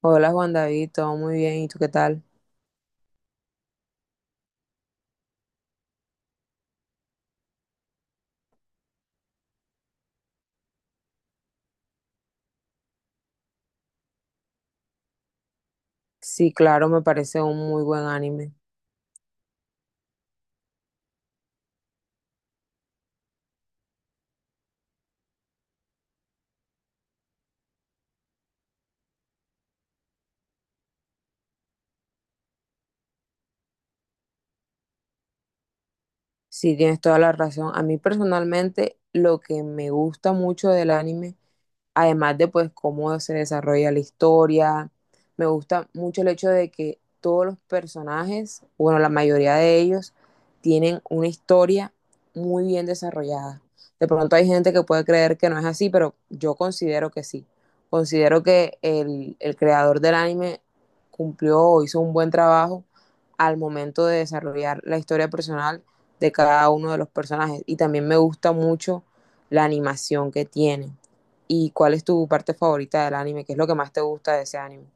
Hola Juan David, todo muy bien, ¿y tú qué tal? Sí, claro, me parece un muy buen anime. Sí, tienes toda la razón. A mí personalmente lo que me gusta mucho del anime además de pues cómo se desarrolla la historia. Me gusta mucho el hecho de que todos los personajes, bueno, la mayoría de ellos, tienen una historia muy bien desarrollada. De pronto hay gente que puede creer que no es así, pero yo considero que sí. Considero que el creador del anime cumplió o hizo un buen trabajo al momento de desarrollar la historia personal de cada uno de los personajes. Y también me gusta mucho la animación que tiene. ¿Y cuál es tu parte favorita del anime? ¿Qué es lo que más te gusta de ese anime?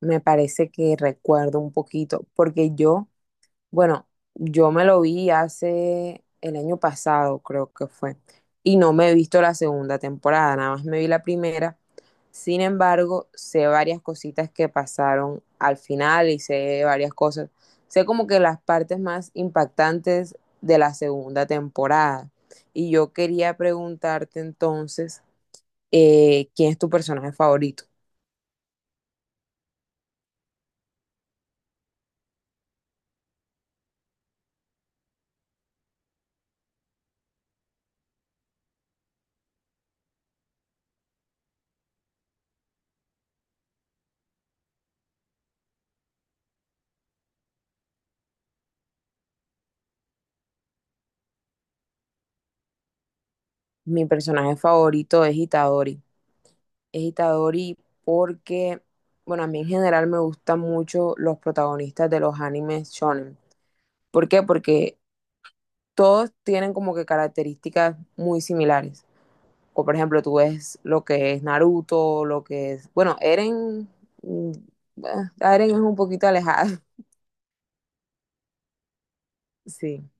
Me parece que recuerdo un poquito, porque yo, bueno, yo me lo vi hace el año pasado, creo que fue, y no me he visto la segunda temporada, nada más me vi la primera. Sin embargo, sé varias cositas que pasaron al final y sé varias cosas. Sé como que las partes más impactantes de la segunda temporada. Y yo quería preguntarte entonces ¿quién es tu personaje favorito? Mi personaje favorito es Itadori. Es Itadori porque, bueno, a mí en general me gustan mucho los protagonistas de los animes shonen. ¿Por qué? Porque todos tienen como que características muy similares. O por ejemplo, tú ves lo que es Naruto, lo que es, bueno, Eren, mm, ah, Eren es un poquito alejado. Sí,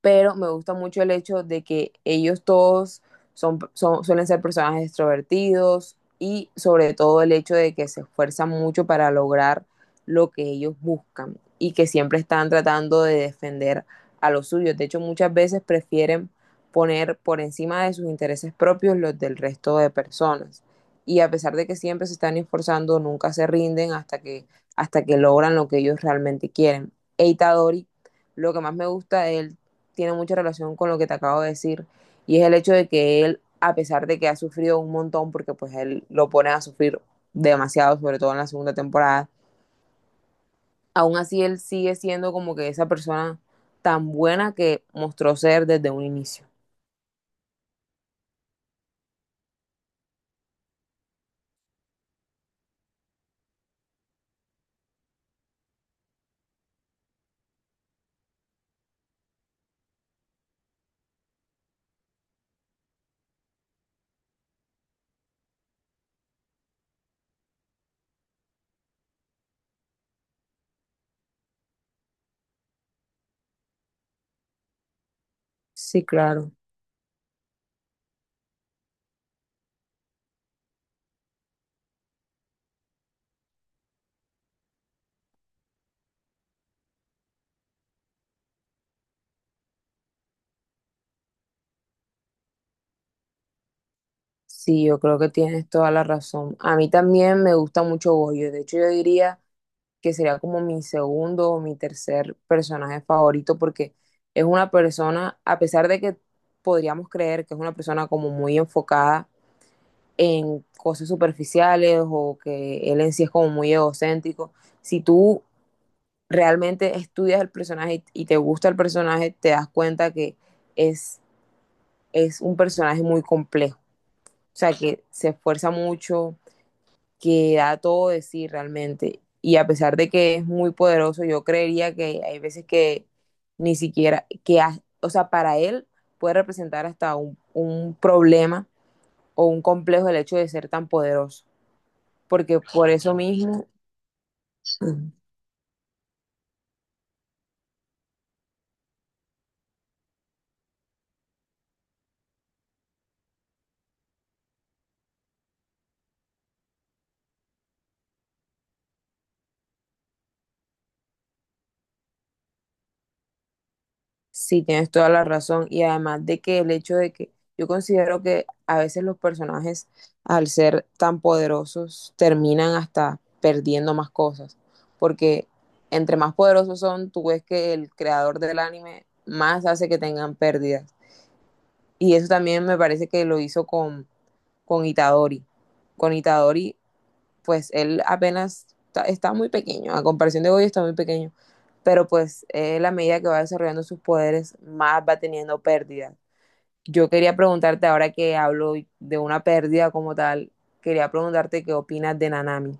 pero me gusta mucho el hecho de que ellos todos son, suelen ser personajes extrovertidos y sobre todo el hecho de que se esfuerzan mucho para lograr lo que ellos buscan y que siempre están tratando de defender a los suyos. De hecho, muchas veces prefieren poner por encima de sus intereses propios los del resto de personas. Y a pesar de que siempre se están esforzando, nunca se rinden hasta que logran lo que ellos realmente quieren. Eita Dori, lo que más me gusta de él tiene mucha relación con lo que te acabo de decir, y es el hecho de que él, a pesar de que ha sufrido un montón, porque pues él lo pone a sufrir demasiado, sobre todo en la segunda temporada, aún así él sigue siendo como que esa persona tan buena que mostró ser desde un inicio. Sí, claro. Sí, yo creo que tienes toda la razón. A mí también me gusta mucho Goyo. De hecho, yo diría que sería como mi segundo o mi tercer personaje favorito, porque es una persona, a pesar de que podríamos creer que es una persona como muy enfocada en cosas superficiales o que él en sí es como muy egocéntrico, si tú realmente estudias el personaje y te gusta el personaje, te das cuenta que es, es un personaje muy complejo, o sea, que se esfuerza mucho, que da todo de sí realmente. Y a pesar de que es muy poderoso, yo creería que hay veces que ni siquiera, o sea, para él puede representar hasta un problema o un complejo el hecho de ser tan poderoso, porque por eso mismo. Sí, tienes toda la razón. Y además de que el hecho de que yo considero que a veces los personajes, al ser tan poderosos, terminan hasta perdiendo más cosas. Porque entre más poderosos son, tú ves que el creador del anime más hace que tengan pérdidas. Y eso también me parece que lo hizo con Itadori. Con Itadori pues él apenas está muy pequeño, a comparación de Goyo está muy pequeño, pero pues él a medida que va desarrollando sus poderes, más va teniendo pérdidas. Yo quería preguntarte, ahora que hablo de una pérdida como tal, quería preguntarte qué opinas de Nanami.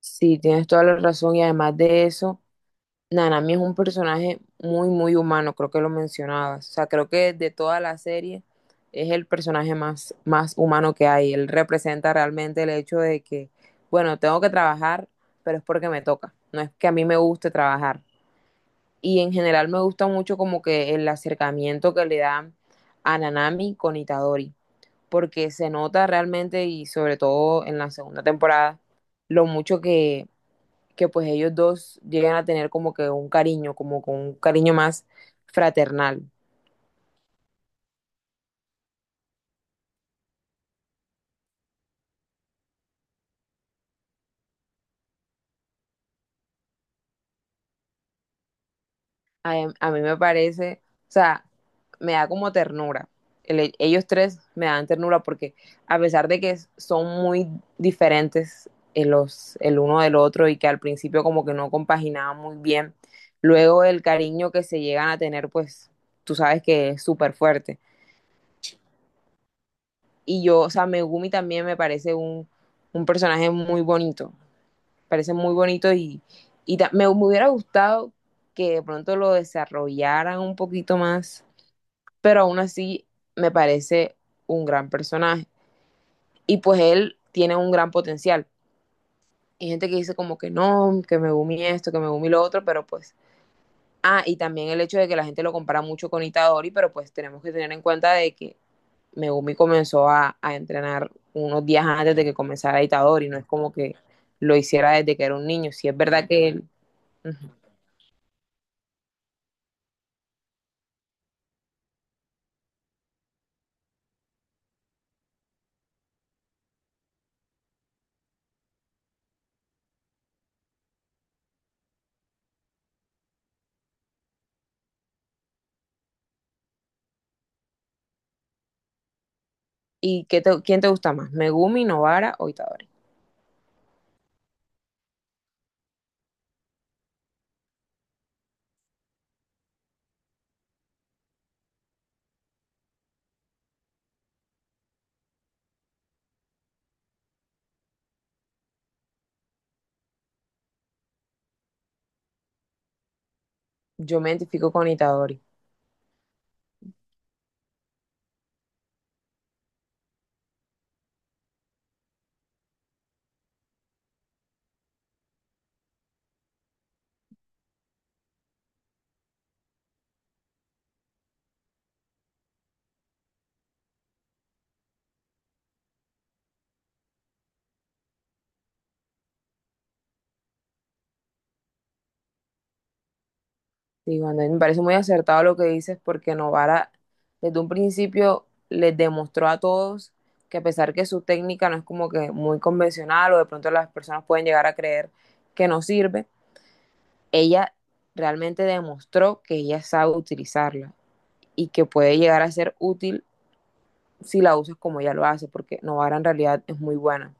Sí, tienes toda la razón, y además de eso, Nanami es un personaje muy humano, creo que lo mencionabas. O sea, creo que de toda la serie es el personaje más, más humano que hay. Él representa realmente el hecho de que, bueno, tengo que trabajar, pero es porque me toca. No es que a mí me guste trabajar. Y en general me gusta mucho como que el acercamiento que le dan a Nanami con Itadori, porque se nota realmente y sobre todo en la segunda temporada lo mucho que pues ellos dos llegan a tener como que un cariño, como con un cariño más fraternal. A mí me parece, o sea, me da como ternura. Ellos tres me dan ternura porque a pesar de que son muy diferentes en los, el uno del otro y que al principio como que no compaginaban muy bien, luego el cariño que se llegan a tener, pues tú sabes que es súper fuerte. Y yo, o sea, Megumi también me parece un personaje muy bonito. Parece muy bonito y, hubiera gustado que de pronto lo desarrollaran un poquito más, pero aún así me parece un gran personaje. Y pues él tiene un gran potencial. Hay gente que dice como que no, que me gumi esto, que me gumi lo otro, pero pues... Ah, y también el hecho de que la gente lo compara mucho con Itadori, pero pues tenemos que tener en cuenta de que Megumi comenzó entrenar unos días antes de que comenzara Itadori, no es como que lo hiciera desde que era un niño. Si sí es verdad que él... Uh -huh. ¿Y qué quién te gusta más? ¿Megumi, Novara o Itadori? Yo me identifico con Itadori. Y cuando... me parece muy acertado lo que dices, porque Novara desde un principio les demostró a todos que a pesar que su técnica no es como que muy convencional o de pronto las personas pueden llegar a creer que no sirve, ella realmente demostró que ella sabe utilizarla y que puede llegar a ser útil si la usas como ella lo hace, porque Novara en realidad es muy buena.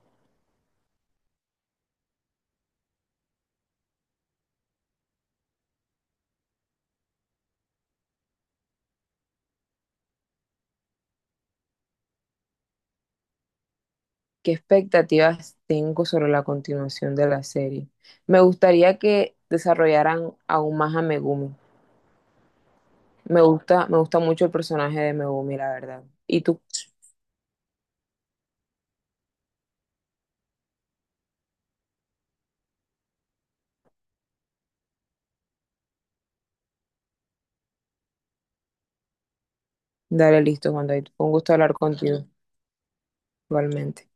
¿Qué expectativas tengo sobre la continuación de la serie? Me gustaría que desarrollaran aún más a Megumi. Me gusta mucho el personaje de Megumi, la verdad. Y tú, dale, listo, Juan David. Fue un gusto hablar contigo, igualmente.